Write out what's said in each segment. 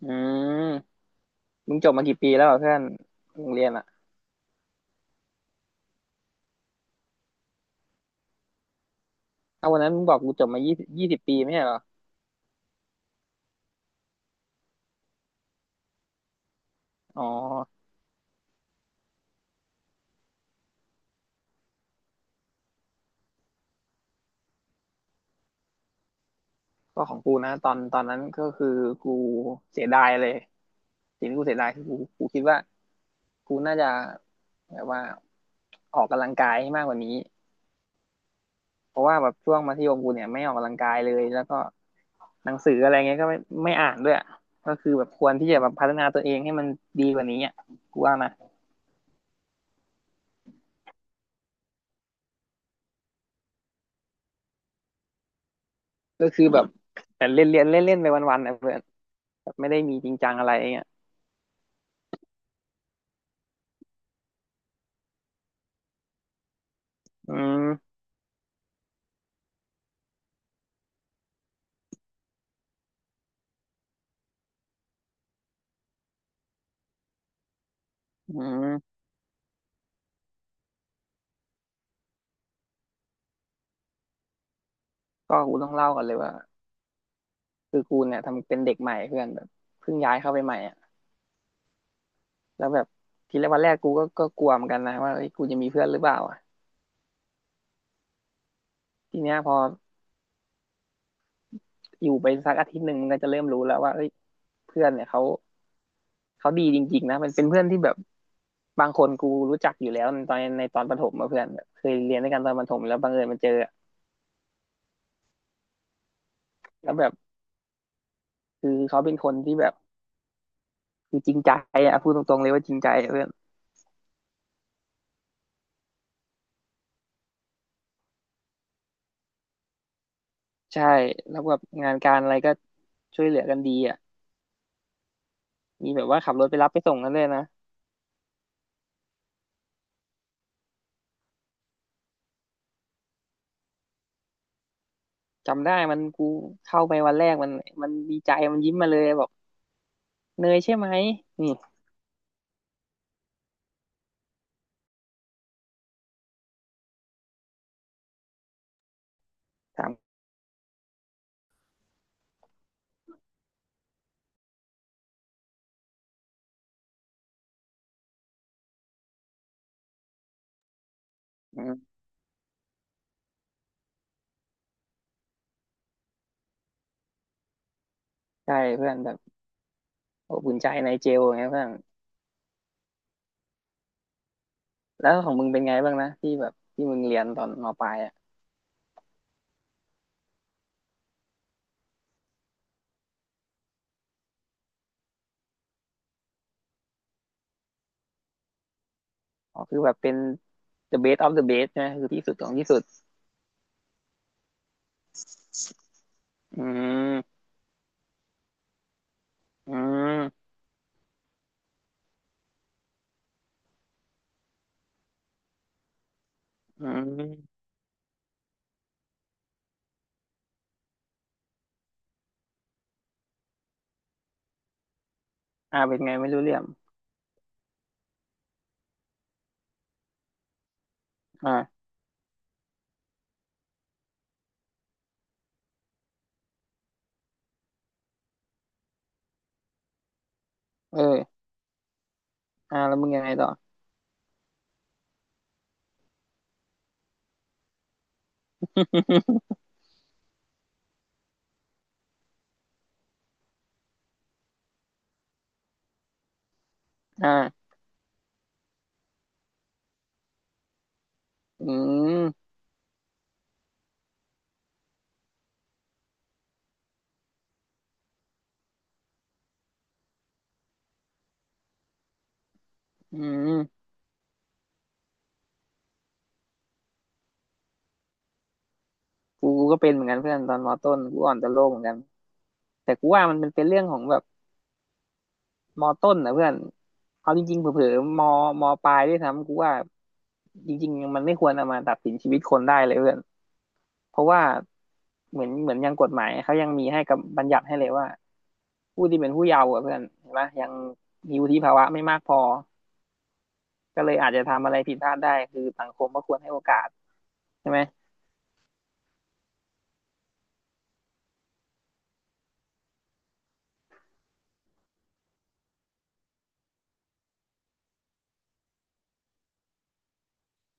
อืมมึงจบมากี่ปีแล้วเหรอเพื่อนโรงเรียนอ่ะเอาวันนั้นมึงบอกกูจบมายี่สิบปีไม่ใช่เหรออ๋อก็ของกูนะตอนนั้นก็คือกูเสียดายเลยสิ่งที่กูเสียดายคือกูคิดว่ากูน่าจะแบบว่าออกกำลังกายให้มากกว่านี้เพราะว่าแบบช่วงมัธยมกูเนี่ยไม่ออกกำลังกายเลยแล้วก็หนังสืออะไรเงี้ยก็ไม่อ่านด้วยอะก็คือแบบควรที่จะแบบพัฒนาตัวเองให้มันดีกว่านี้อ่ะกูว่านะก็คือแบบแต่เล่นเล่นเล่นเล่นไปวันๆนะเพื่อนแบบไม่ได้มีจริงจังอะไรเงี้ย อืมอืมก็กูต้องเล่าก่อนเลยว่าคือกูเนี่ยทำเป็นเด็กใหม่เพื่อนแบบเพิ่งย้ายเข้าไปใหม่อ่ะแล้วแบบทีแรกวันแรกกูก็กลัวเหมือนกันนะว่าเอ้ยกูจะมีเพื่อนหรือเปล่าอ่ะทีเนี้ยพออยู่ไปสักอาทิตย์หนึ่งมันก็จะเริ่มรู้แล้วว่าเอ้ยเพื่อนเนี่ยเขาดีจริงๆนะมันเป็นเพื่อนที่แบบบางคนกูรู้จักอยู่แล้วในตอนประถมมาเพื่อนแบบเคยเรียนด้วยกันตอนประถมแล้วบังเอิญมาเจออะแล้วแบบคือเขาเป็นคนที่แบบคือจริงใจอ่ะพูดตรงๆเลยว่าจริงใจอะเพื่อนใช่แล้วแบบงานการอะไรก็ช่วยเหลือกันดีอ่ะ มีแบบว่าขับรถไปรับไปส่งกันเลยนะจำได้มันกูเข้าไปวันแรกมันดีใจมันยิ้มมาเลยบอกเนยใช่ไหมนี่ถามอืมใช่เพื่อนแบบอบอุ่นใจในเจลไงเพื่อนแล้วของมึงเป็นไงบ้างนะที่แบบที่มึงเรียนตอนมปลายอ่ะอ๋อคือแบบเป็น the best of the best ใช่ไหมคือที่สุดของที่สุดอืมอืมอืมอ่าเป็นไงไม่รู้เรื่องอ่าเอออ่าแล้วมึงยังไงต่ออ่าอืมอืมกูก็เป็นเหมือนกันเพื่อนตอนมต้นกูอ่อนต่อโลกเหมือนกัน แต่กูว่ามันเป็นเรื่องของแบบมอต้นนะเพื่อนเอาจริงๆเผลอๆมอปลายด้วยซ้ำกูว่าจริงๆมันไม่ควรเอามาตัดสินชีวิตคนได้เลยเพื่อนเพราะว่าเหมือนยังกฎหมายเขายังมีให้กับบัญญัติให้เลยว่าผู้ที่เป็นผู้เยาว์อะเพื่อนเห็นปะยังมีวุฒิภาวะไม่มากพอก็เลยอาจจะทำอะไรผิดพลาดได้คือสังคมก็ควรให้โอกาสใช่ไหม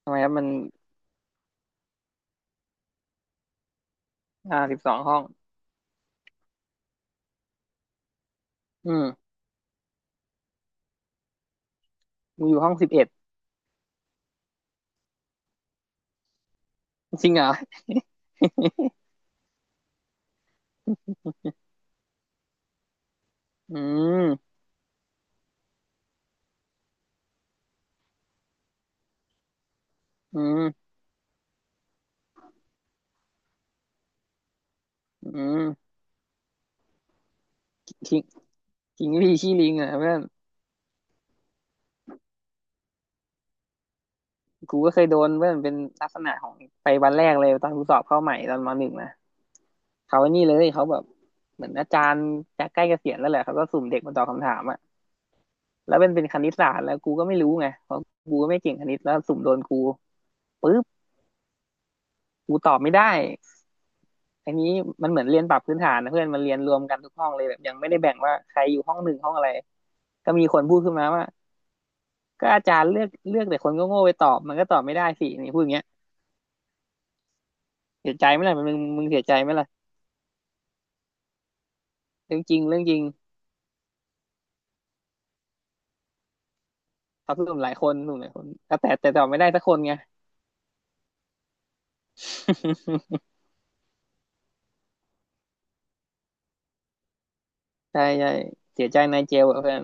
ทำไมครับมันอ่าสิบสองห้องอืมมึงอยู่ห้องสิบเอ็ดจริงเหรออืมอืมอืมคิงคิงพี่ขี้ลิงอ่ะเพื่อน กูก็เคยโดนเว้ยมันเป็นลักษณะของไปวันแรกเลยตอนกูสอบเข้าใหม่ตอนมหนึ่งนะเขาไอ้นี่เลยเขาแบบเหมือนอาจารย์จะใกล้เกษียณแล้วแหละเขาก็สุ่มเด็กมาตอบคำถามอะแล้วเป็นคณิตศาสตร์แล้วกูก็ไม่รู้ไงเพราะกูก็ไม่เก่งคณิตแล้วสุ่มโดนกูปึ๊บกูตอบไม่ได้อันนี้มันเหมือนเรียนปรับพื้นฐานนะเพื่อนมันเรียนรวมกันทุกห้องเลยแบบยังไม่ได้แบ่งว่าใครอยู่ห้องหนึ่งห้องอะไรก็มีคนพูดขึ้นมาว่าก็อาจารย์เลือกแต่คนก็โง่ไปตอบมันก็ตอบไม่ได้สินี่พูดอย่างเงี้ยเสียใจไหมล่ะมึงเสียใจไหมล่ะเรื่องจริงเรื่องจริง ครับหนุ่มหลายคนหนุ่มหลายคนก็แต่ตอบไม่ได้สักคนไงใช่ใช่เสียใจในเจลอะเพื่อน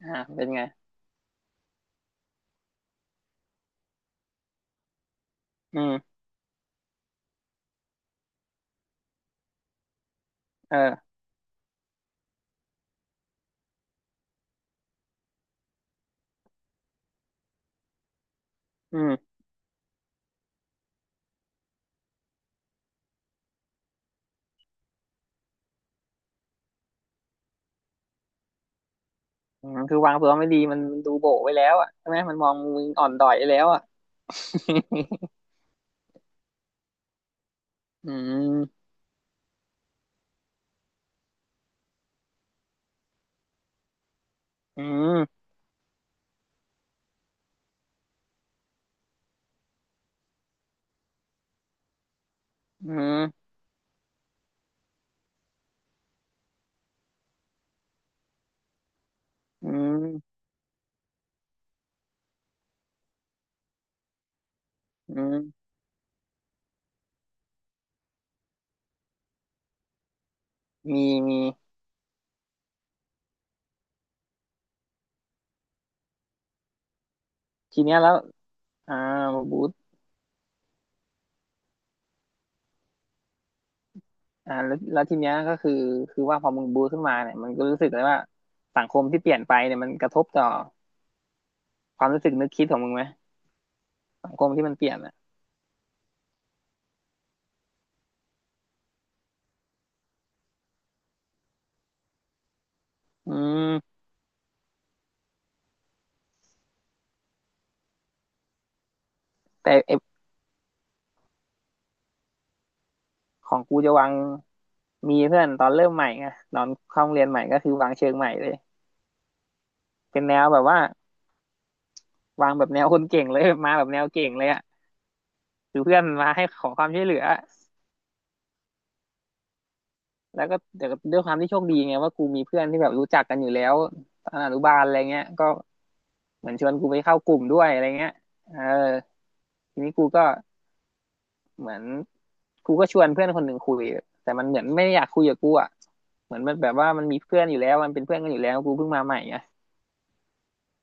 อ่าเป็นไงอืมเอออืมอืมคือวางตัวไม่ดีมันดูโบ๋ไว้แล้วอ่ะใช่ไหมมันมองมึงอ่อนด้อยไปแล้วอ่ะ อืมอืมอืมอืมอืมมีมีทีเนี้ยแล้วอ่าบูทอ่าแล้วแล้วทีเนี้ยก็คือคือว่าพอมึงบูทขึ้นมาเนี่ยมันก็รู้สึกเลยว่าสังคมที่เปลี่ยนไปเนี่ยมันกระทบต่อความรู้สึกนึกคิดของมึงไหมสังคมที่มันเปลี่ยนอ่ะอืมแต่ไอ ของกูจะวางมีเพื่อนตอนเริ่มใหม่ไงตอนเข้าโรงเรียนใหม่ก็คือวางเชิงใหม่เลยเป็นแนวแบบว่าวางแบบแนวคนเก่งเลยมาแบบแนวเก่งเลยอ่ะคือเพื่อนมาให้ขอความช่วยเหลือแล้วก็แต่ด้วยความที่โชคดีไงว่ากูมีเพื่อนที่แบบรู้จักกันอยู่แล้วตอนอนุบาลอะไรเงี้ยก็เหมือนชวนกูไปเข้ากลุ่มด้วยอะไรเงี้ยเออทีนี้กูก็เหมือนกูก็ชวนเพื่อนคนหนึ่งคุยแต่มันเหมือนไม่ได้อยากคุยกับกูอ่ะเหมือนมันแบบว่ามันมีเพื่อนอยู่แล้วมันเป็นเพื่อนกันอยู่แล้วกูเพิ่งมาใหม่ไง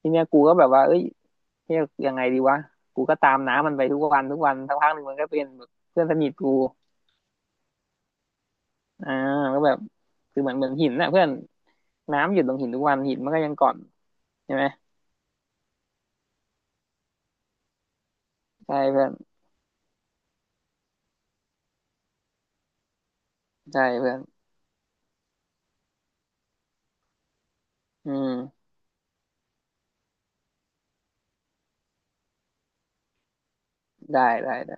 ทีเนี้ยกูก็แบบว่าเอ้ย เรียกยังไงดีวะกูก็ตามน้ำมันไปทุกวันสักพักหนึ่งมันก็เป็นแบบเพื่อนสนิทกูอ่าก็แบบคือเหมือนหินนะเพื่อนน้ำหยุดลงหินทุกวันหินมันก็ยังก่อนใช่ไหมใช่เพื่อนใช่เพื่อนอืมได้ได้ได้